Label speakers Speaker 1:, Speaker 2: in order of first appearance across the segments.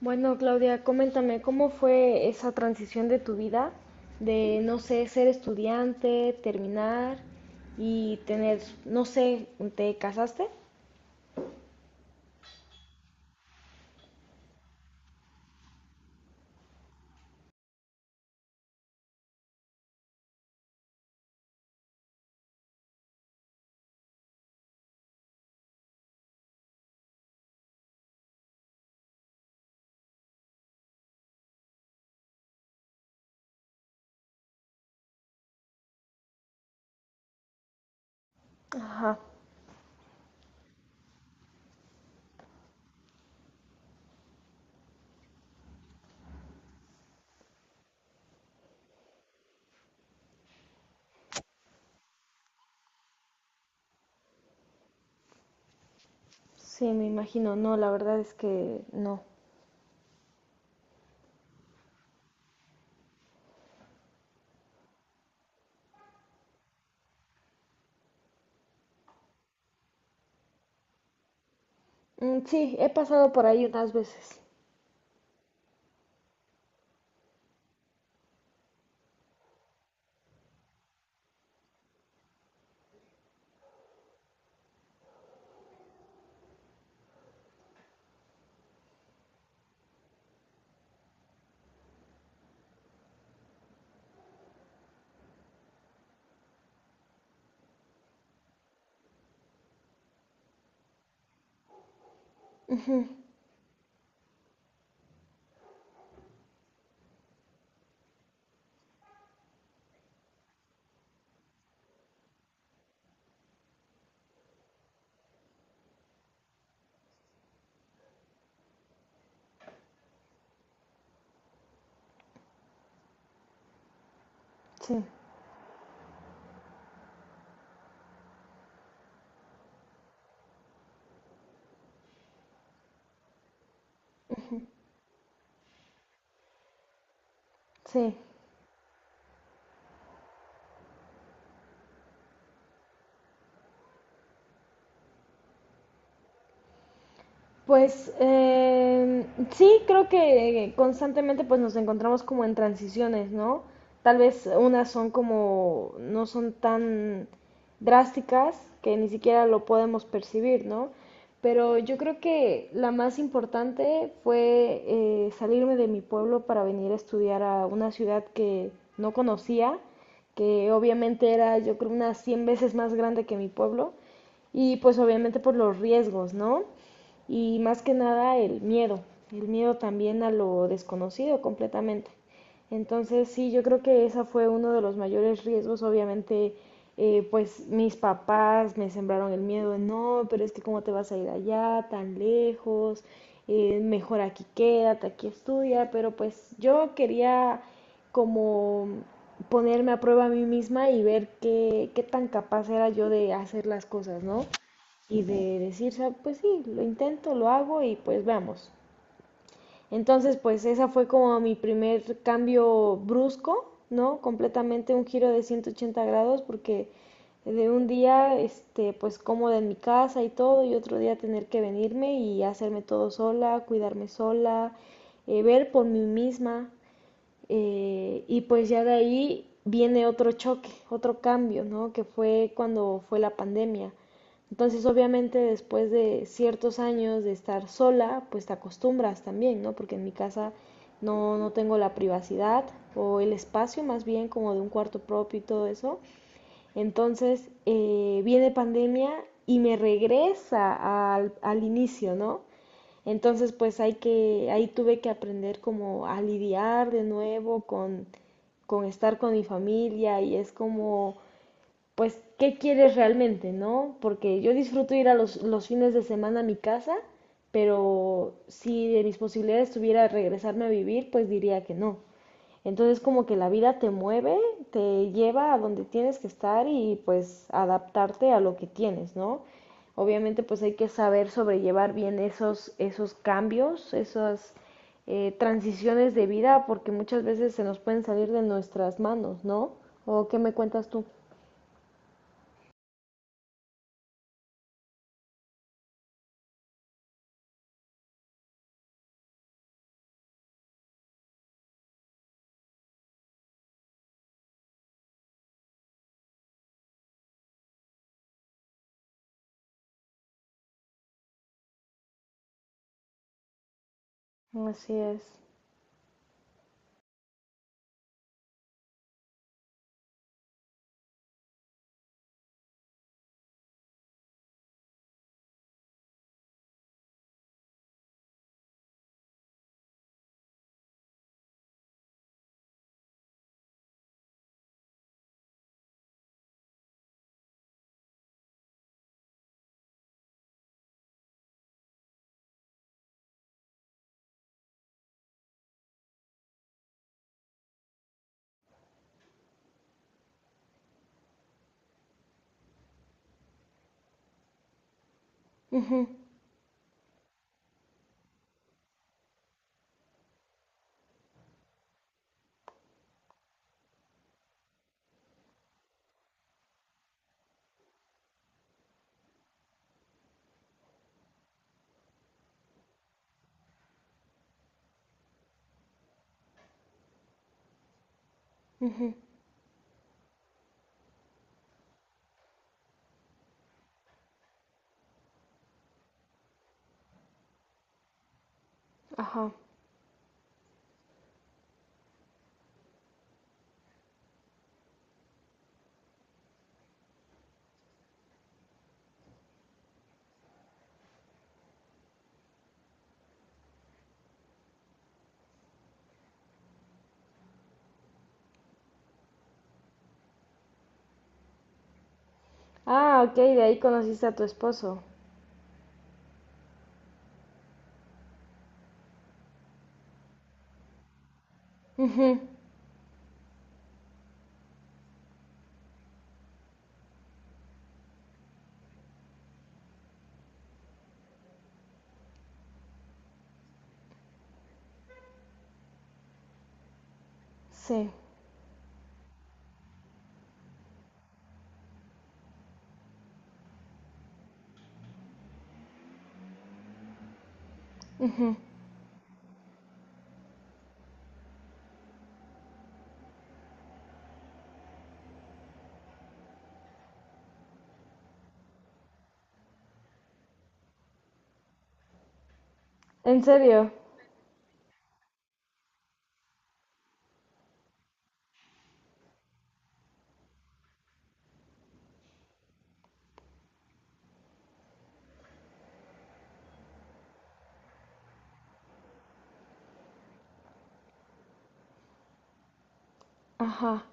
Speaker 1: Bueno, Claudia, coméntame, ¿cómo fue esa transición de tu vida de, no sé, ser estudiante, terminar y tener, no sé, ¿te casaste? Ajá, sí, me imagino. No, la verdad es que no. Mm, sí, he pasado por ahí unas veces. Sí, sí. Pues sí, creo que constantemente pues nos encontramos como en transiciones, ¿no? Tal vez unas son como, no son tan drásticas que ni siquiera lo podemos percibir, ¿no? Pero yo creo que la más importante fue salirme de mi pueblo para venir a estudiar a una ciudad que no conocía, que obviamente era yo creo unas 100 veces más grande que mi pueblo, y pues obviamente por los riesgos, ¿no? Y más que nada el miedo, el miedo también a lo desconocido completamente. Entonces, sí, yo creo que esa fue uno de los mayores riesgos. Obviamente, pues mis papás me sembraron el miedo, no, pero es que cómo te vas a ir allá tan lejos. Mejor aquí quédate, aquí estudia, pero pues yo quería como ponerme a prueba a mí misma y ver qué, qué tan capaz era yo de hacer las cosas, ¿no? Y de decir, pues sí, lo intento, lo hago y pues veamos". Entonces, pues esa fue como mi primer cambio brusco, ¿no? Completamente un giro de 180 grados porque de un día, este, pues cómoda en mi casa y todo, y otro día tener que venirme y hacerme todo sola, cuidarme sola, ver por mí misma. Y pues ya de ahí viene otro choque, otro cambio, ¿no? Que fue cuando fue la pandemia. Entonces, obviamente, después de ciertos años de estar sola, pues te acostumbras también, ¿no? Porque en mi casa no tengo la privacidad o el espacio, más bien como de un cuarto propio y todo eso. Entonces, viene pandemia y me regresa al, al inicio, ¿no? Entonces, pues hay que, ahí tuve que aprender como a lidiar de nuevo con estar con mi familia y es como pues, ¿qué quieres realmente, no? Porque yo disfruto ir a los fines de semana a mi casa, pero si de mis posibilidades tuviera regresarme a vivir, pues diría que no. Entonces como que la vida te mueve, te lleva a donde tienes que estar y pues adaptarte a lo que tienes, ¿no? Obviamente pues hay que saber sobrellevar bien esos, esos cambios, esas transiciones de vida, porque muchas veces se nos pueden salir de nuestras manos, ¿no? ¿O qué me cuentas tú? Así es. Ujú. Ajá. Ah, ok, de ahí conociste a tu esposo. Sí. ¿En serio? Ajá.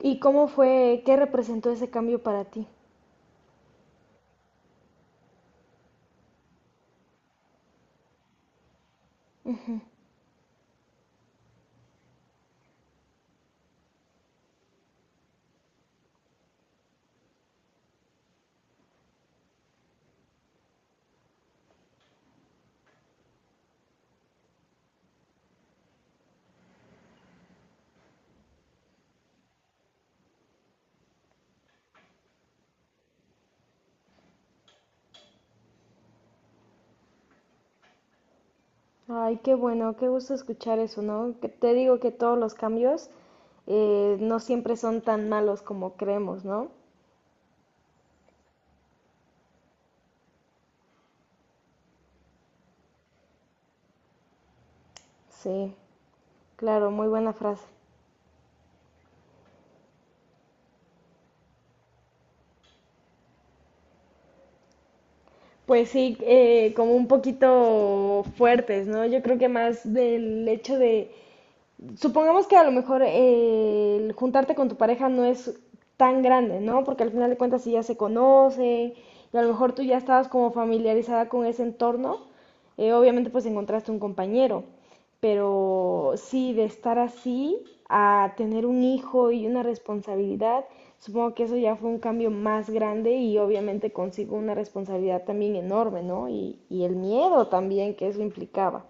Speaker 1: ¿Y cómo fue, qué representó ese cambio para ti? Ay, qué bueno, qué gusto escuchar eso, ¿no? Que te digo que todos los cambios, no siempre son tan malos como creemos, ¿no? Sí, claro, muy buena frase. Pues sí, como un poquito fuertes, ¿no? Yo creo que más del hecho de, supongamos que a lo mejor el juntarte con tu pareja no es tan grande, ¿no? Porque al final de cuentas si ya se conocen y a lo mejor tú ya estabas como familiarizada con ese entorno, obviamente pues encontraste un compañero, pero sí de estar así a tener un hijo y una responsabilidad, supongo que eso ya fue un cambio más grande y obviamente consigo una responsabilidad también enorme, ¿no? Y el miedo también que eso implicaba.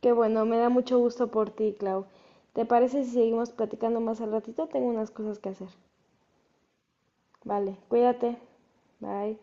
Speaker 1: Qué bueno, me da mucho gusto por ti, Clau. ¿Te parece si seguimos platicando más al ratito? Tengo unas cosas que hacer. Vale, cuídate. Bye.